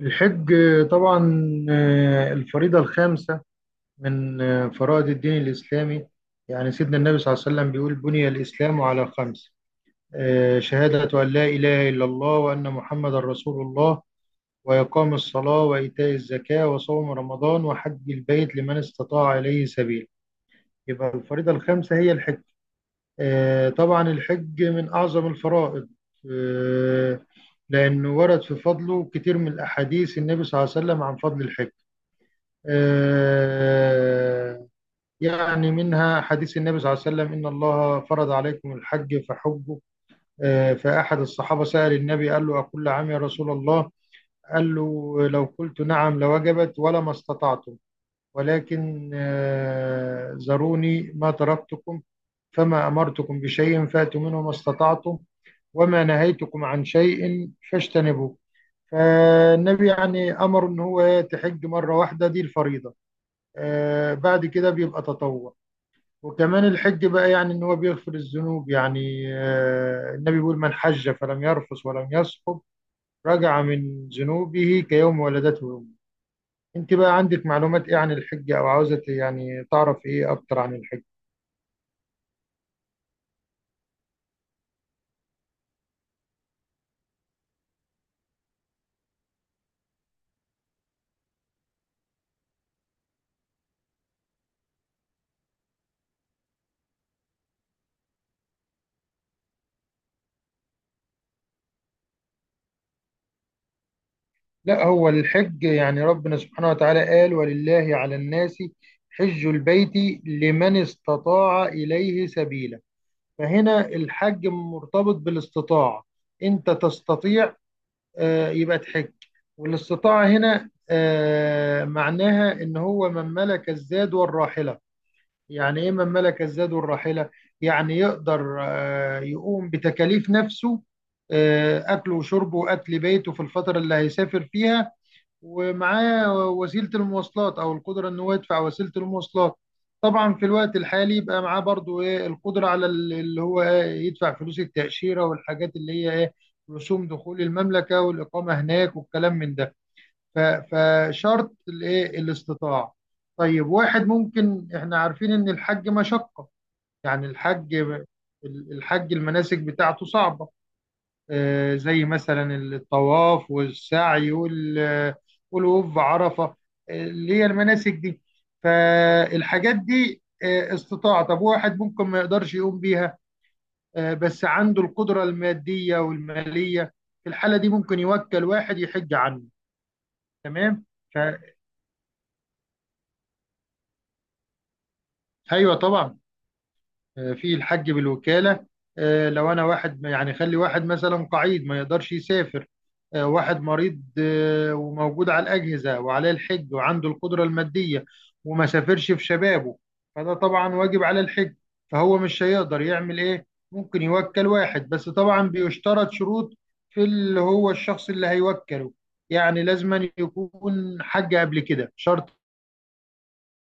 الحج طبعا. الفريضة الخامسة من فرائض الدين الإسلامي. يعني سيدنا النبي صلى الله عليه وسلم بيقول بني الإسلام على خمس، شهادة أن لا إله إلا الله وأن محمد رسول الله، وإقام الصلاة وإيتاء الزكاة وصوم رمضان وحج البيت لمن استطاع إليه سبيل. يبقى الفريضة الخامسة هي الحج. طبعا الحج من أعظم الفرائض، آه، لأنه ورد في فضله كتير من الأحاديث النبي صلى الله عليه وسلم عن فضل الحج. آه، يعني منها حديث النبي صلى الله عليه وسلم إن الله فرض عليكم الحج فحجوا. فأحد الصحابة سأل النبي قال له أكل عام يا رسول الله؟ قال له لو قلت نعم لوجبت ولا ما استطعتم، ولكن ذروني ما تركتكم، فما أمرتكم بشيء فأتوا منه ما استطعتم، وما نهيتكم عن شيء فاجتنبوه. فالنبي يعني أمر إن هو تحج مرة واحدة دي الفريضة. بعد كده بيبقى تطوع. وكمان الحج بقى يعني ان هو بيغفر الذنوب. يعني النبي بيقول من حج فلم يرفث ولم يسقط رجع من ذنوبه كيوم ولدته امه. انت بقى عندك معلومات ايه عن الحج او عاوزة يعني تعرف ايه اكتر عن الحج؟ لا، هو الحج يعني ربنا سبحانه وتعالى قال ولله على الناس حج البيت لمن استطاع اليه سبيلا. فهنا الحج مرتبط بالاستطاعة. انت تستطيع، يبقى تحج. والاستطاعة هنا معناها إن هو من ملك الزاد والراحلة. يعني إيه من ملك الزاد والراحلة؟ يعني يقدر يقوم بتكاليف نفسه، أكله وشربه وأكل بيته في الفترة اللي هيسافر فيها، ومعاه وسيلة المواصلات أو القدرة إن هو يدفع وسيلة المواصلات. طبعا في الوقت الحالي يبقى معاه برضو إيه القدرة على اللي هو إيه يدفع فلوس التأشيرة والحاجات اللي هي إيه رسوم دخول المملكة والإقامة هناك والكلام من ده. ف- فشرط الإيه الاستطاعة. طيب واحد ممكن إحنا عارفين إن الحج مشقة. يعني الحج المناسك بتاعته صعبة، زي مثلا الطواف والسعي والوقوف بعرفة، اللي هي المناسك دي. فالحاجات دي استطاعة. طب واحد ممكن ما يقدرش يقوم بيها، بس عنده القدرة المادية والمالية، في الحالة دي ممكن يوكل واحد يحج عنه. تمام. ف- ايوه طبعا، في الحج بالوكالة. لو أنا واحد يعني، خلي واحد مثلا قعيد ما يقدرش يسافر، واحد مريض وموجود على الأجهزة وعليه الحج وعنده القدرة المادية وما سافرش في شبابه، فده طبعا واجب على الحج. فهو مش هيقدر يعمل إيه؟ ممكن يوكل واحد، بس طبعا بيشترط شروط في اللي هو الشخص اللي هيوكله. يعني لازم أن يكون حج قبل كده، شرط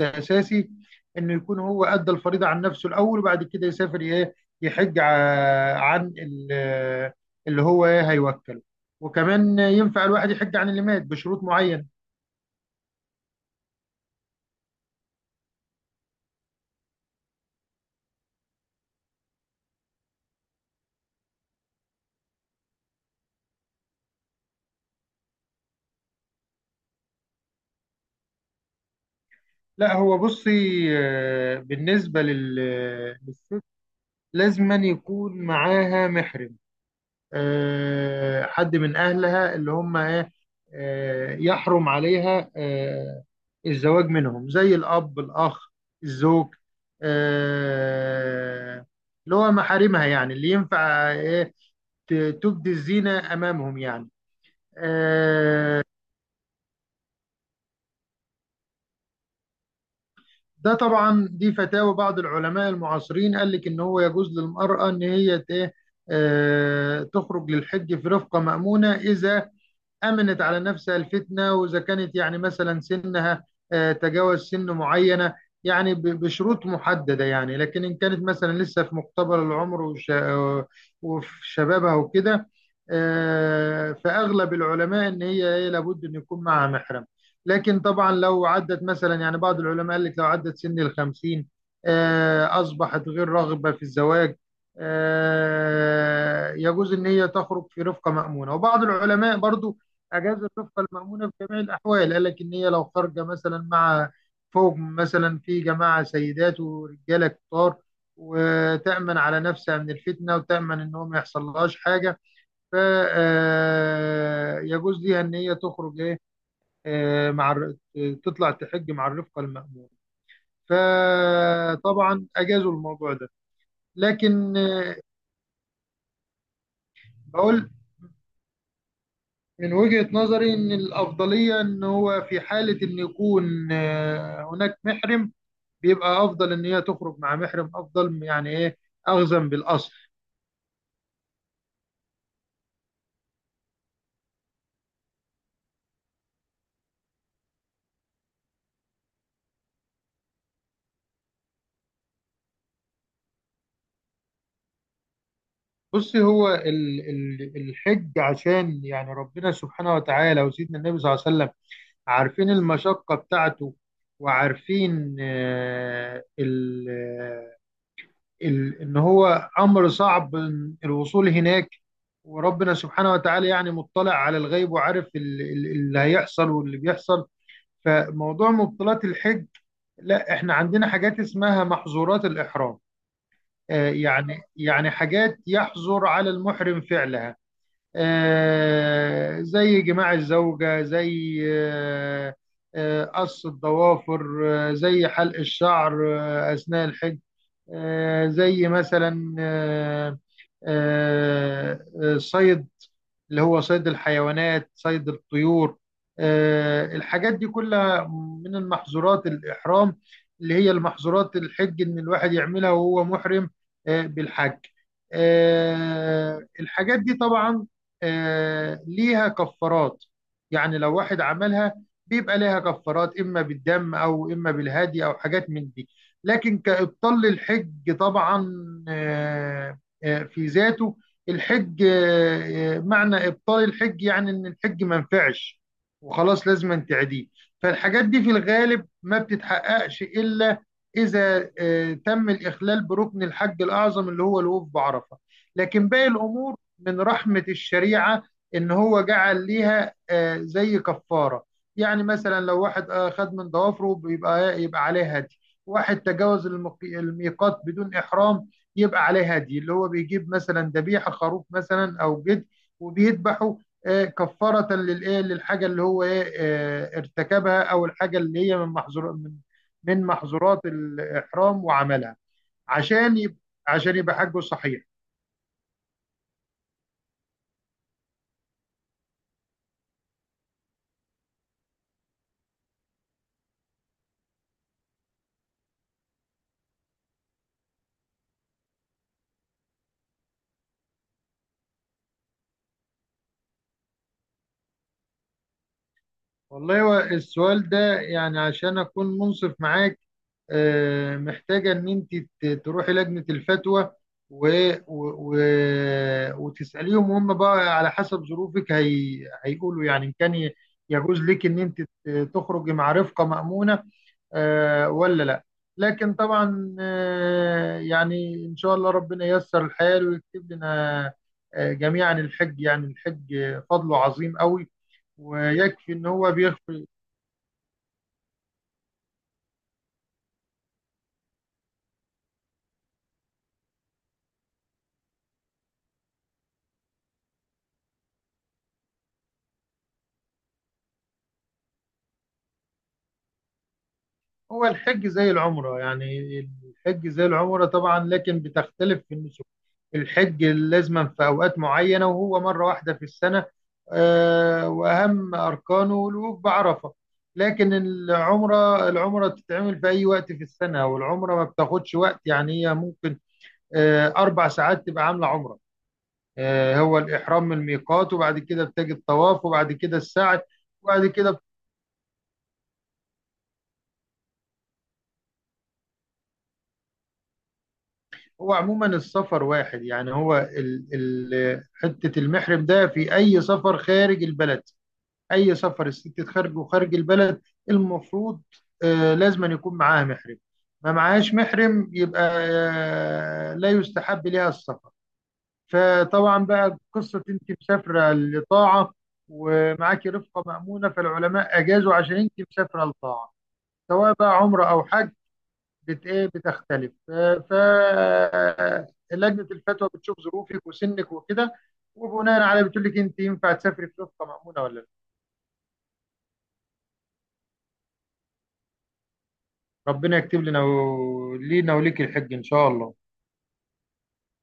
اساسي انه يكون هو ادى الفريضه عن نفسه الاول وبعد كده يسافر ايه يحج عن اللي هو ايه هيوكله. وكمان ينفع الواحد يحج عن اللي مات بشروط معينه. لا، هو بصي، بالنسبه للست لازما يكون معاها محرم، حد من أهلها اللي هم إيه يحرم عليها الزواج منهم، زي الأب الأخ الزوج، آه، اللي هو محارمها، يعني اللي ينفع إيه ت- تبدي الزينة أمامهم يعني. آه، ده طبعا دي فتاوى بعض العلماء المعاصرين، قال لك إن هو يجوز للمرأة إن هي إيه تخرج للحج في رفقة مأمونة إذا امنت على نفسها الفتنه، واذا كانت يعني مثلا سنها تجاوز سن معينه، يعني بشروط محدده يعني. لكن ان كانت مثلا لسه في مقتبل العمر وفي شبابها وكده، فاغلب العلماء ان هي إيه، لابد ان يكون معها محرم. لكن طبعا لو عدت مثلا، يعني بعض العلماء قال لك لو عدت سن الخمسين اصبحت غير راغبه في الزواج، يجوز ان هي تخرج في رفقه مأمونه. وبعض العلماء برضو اجازه تبقى المامونه في جميع الاحوال، قال لك ان هي لو خارجه مثلا مع فوق مثلا في جماعه سيدات ورجاله كتار وتامن على نفسها من الفتنه وتامن ان هو ما يحصلهاش حاجه، ف يجوز ليها ان هي تخرج ايه آه، مع الر- تطلع تحج مع الرفقه المامونه. فطبعا اجازوا الموضوع ده. لكن بقول من وجهة نظري ان الافضليه ان هو في حاله ان يكون هناك محرم بيبقى افضل. ان هي تخرج مع محرم افضل، يعني ايه اخذا بالاصل. بصي هو الحج عشان يعني ربنا سبحانه وتعالى وسيدنا النبي صلى الله عليه وسلم عارفين المشقة بتاعته وعارفين ال ان هو امر صعب الوصول هناك، وربنا سبحانه وتعالى يعني مطلع على الغيب وعارف اللي هيحصل واللي بيحصل. فموضوع مبطلات الحج، لا احنا عندنا حاجات اسمها محظورات الإحرام. يعني حاجات يحظر على المحرم فعلها، زي جماع الزوجة، زي قص الضوافر، زي حلق الشعر أثناء الحج، زي مثلا صيد، اللي هو صيد الحيوانات صيد الطيور. الحاجات دي كلها من المحظورات الإحرام، اللي هي المحظورات الحج إن الواحد يعملها وهو محرم بالحج. الحاجات دي طبعا ليها كفارات. يعني لو واحد عملها بيبقى ليها كفارات إما بالدم أو إما بالهدي أو حاجات من دي. لكن كإبطال للحج طبعا في ذاته الحج، معنى إبطال الحج يعني إن الحج ما نفعش وخلاص لازم تعيديه. فالحاجات دي في الغالب ما بتتحققش إلا إذا تم الإخلال بركن الحج الأعظم اللي هو الوقوف بعرفة. لكن باقي الأمور من رحمة الشريعة إن هو جعل ليها زي كفارة. يعني مثلا لو واحد أخذ من ضوافره بيبقى عليه هدي. واحد تجاوز الميقات بدون إحرام يبقى عليه هدي، اللي هو بيجيب مثلا ذبيحة خروف مثلا أو جد وبيذبحه كفارة للإيه للحاجة اللي هو إيه ارتكبها، أو الحاجة اللي هي من محظور من محظورات الإحرام وعملها. عشان يبقى عشان يبقى حجه صحيح. والله هو السؤال ده يعني عشان أكون منصف معاك محتاجة إن أنت تروحي لجنة الفتوى و... و... و... وتسأليهم، وهم بقى على حسب ظروفك هيقولوا يعني إن كان يجوز لك إن أنت تخرجي مع رفقة مأمونة ولا لا. لكن طبعا يعني إن شاء الله ربنا ييسر الحال ويكتب لنا جميعا الحج. يعني الحج فضله عظيم قوي، ويكفي إن هو بيغفر. هو الحج زي العمرة يعني، الحج زي العمرة طبعا، لكن بتختلف في النسك. الحج لازما في أوقات معينة وهو مرة واحدة في السنة، وأهم أركانه الوقوف بعرفة. لكن العمرة، بتتعمل في أي وقت في السنة، والعمرة ما بتاخدش وقت. يعني هي ممكن أربع ساعات تبقى عاملة عمرة. هو الإحرام من الميقات، وبعد كده بتجي الطواف، وبعد كده السعي وبعد كده. هو عموما السفر واحد، يعني هو ال حتة المحرم ده في أي سفر خارج البلد. أي سفر الست تخرجه خارج وخارج البلد المفروض آه لازم أن يكون معاها محرم. ما معاهاش محرم يبقى آه لا يستحب لها السفر. فطبعا بقى قصة أنت مسافرة لطاعة ومعاكي رفقة مأمونة، فالعلماء أجازوا عشان أنت مسافرة لطاعة، سواء بقى عمرة أو حج. بت ايه بتختلف. ف لجنه الفتوى بتشوف ظروفك وسنك وكده، وبناء عليه بتقول لك انت ينفع تسافري في وفقه مأمونه ولا لا. ربنا يكتب لنا ولينا وليك الحج ان شاء الله.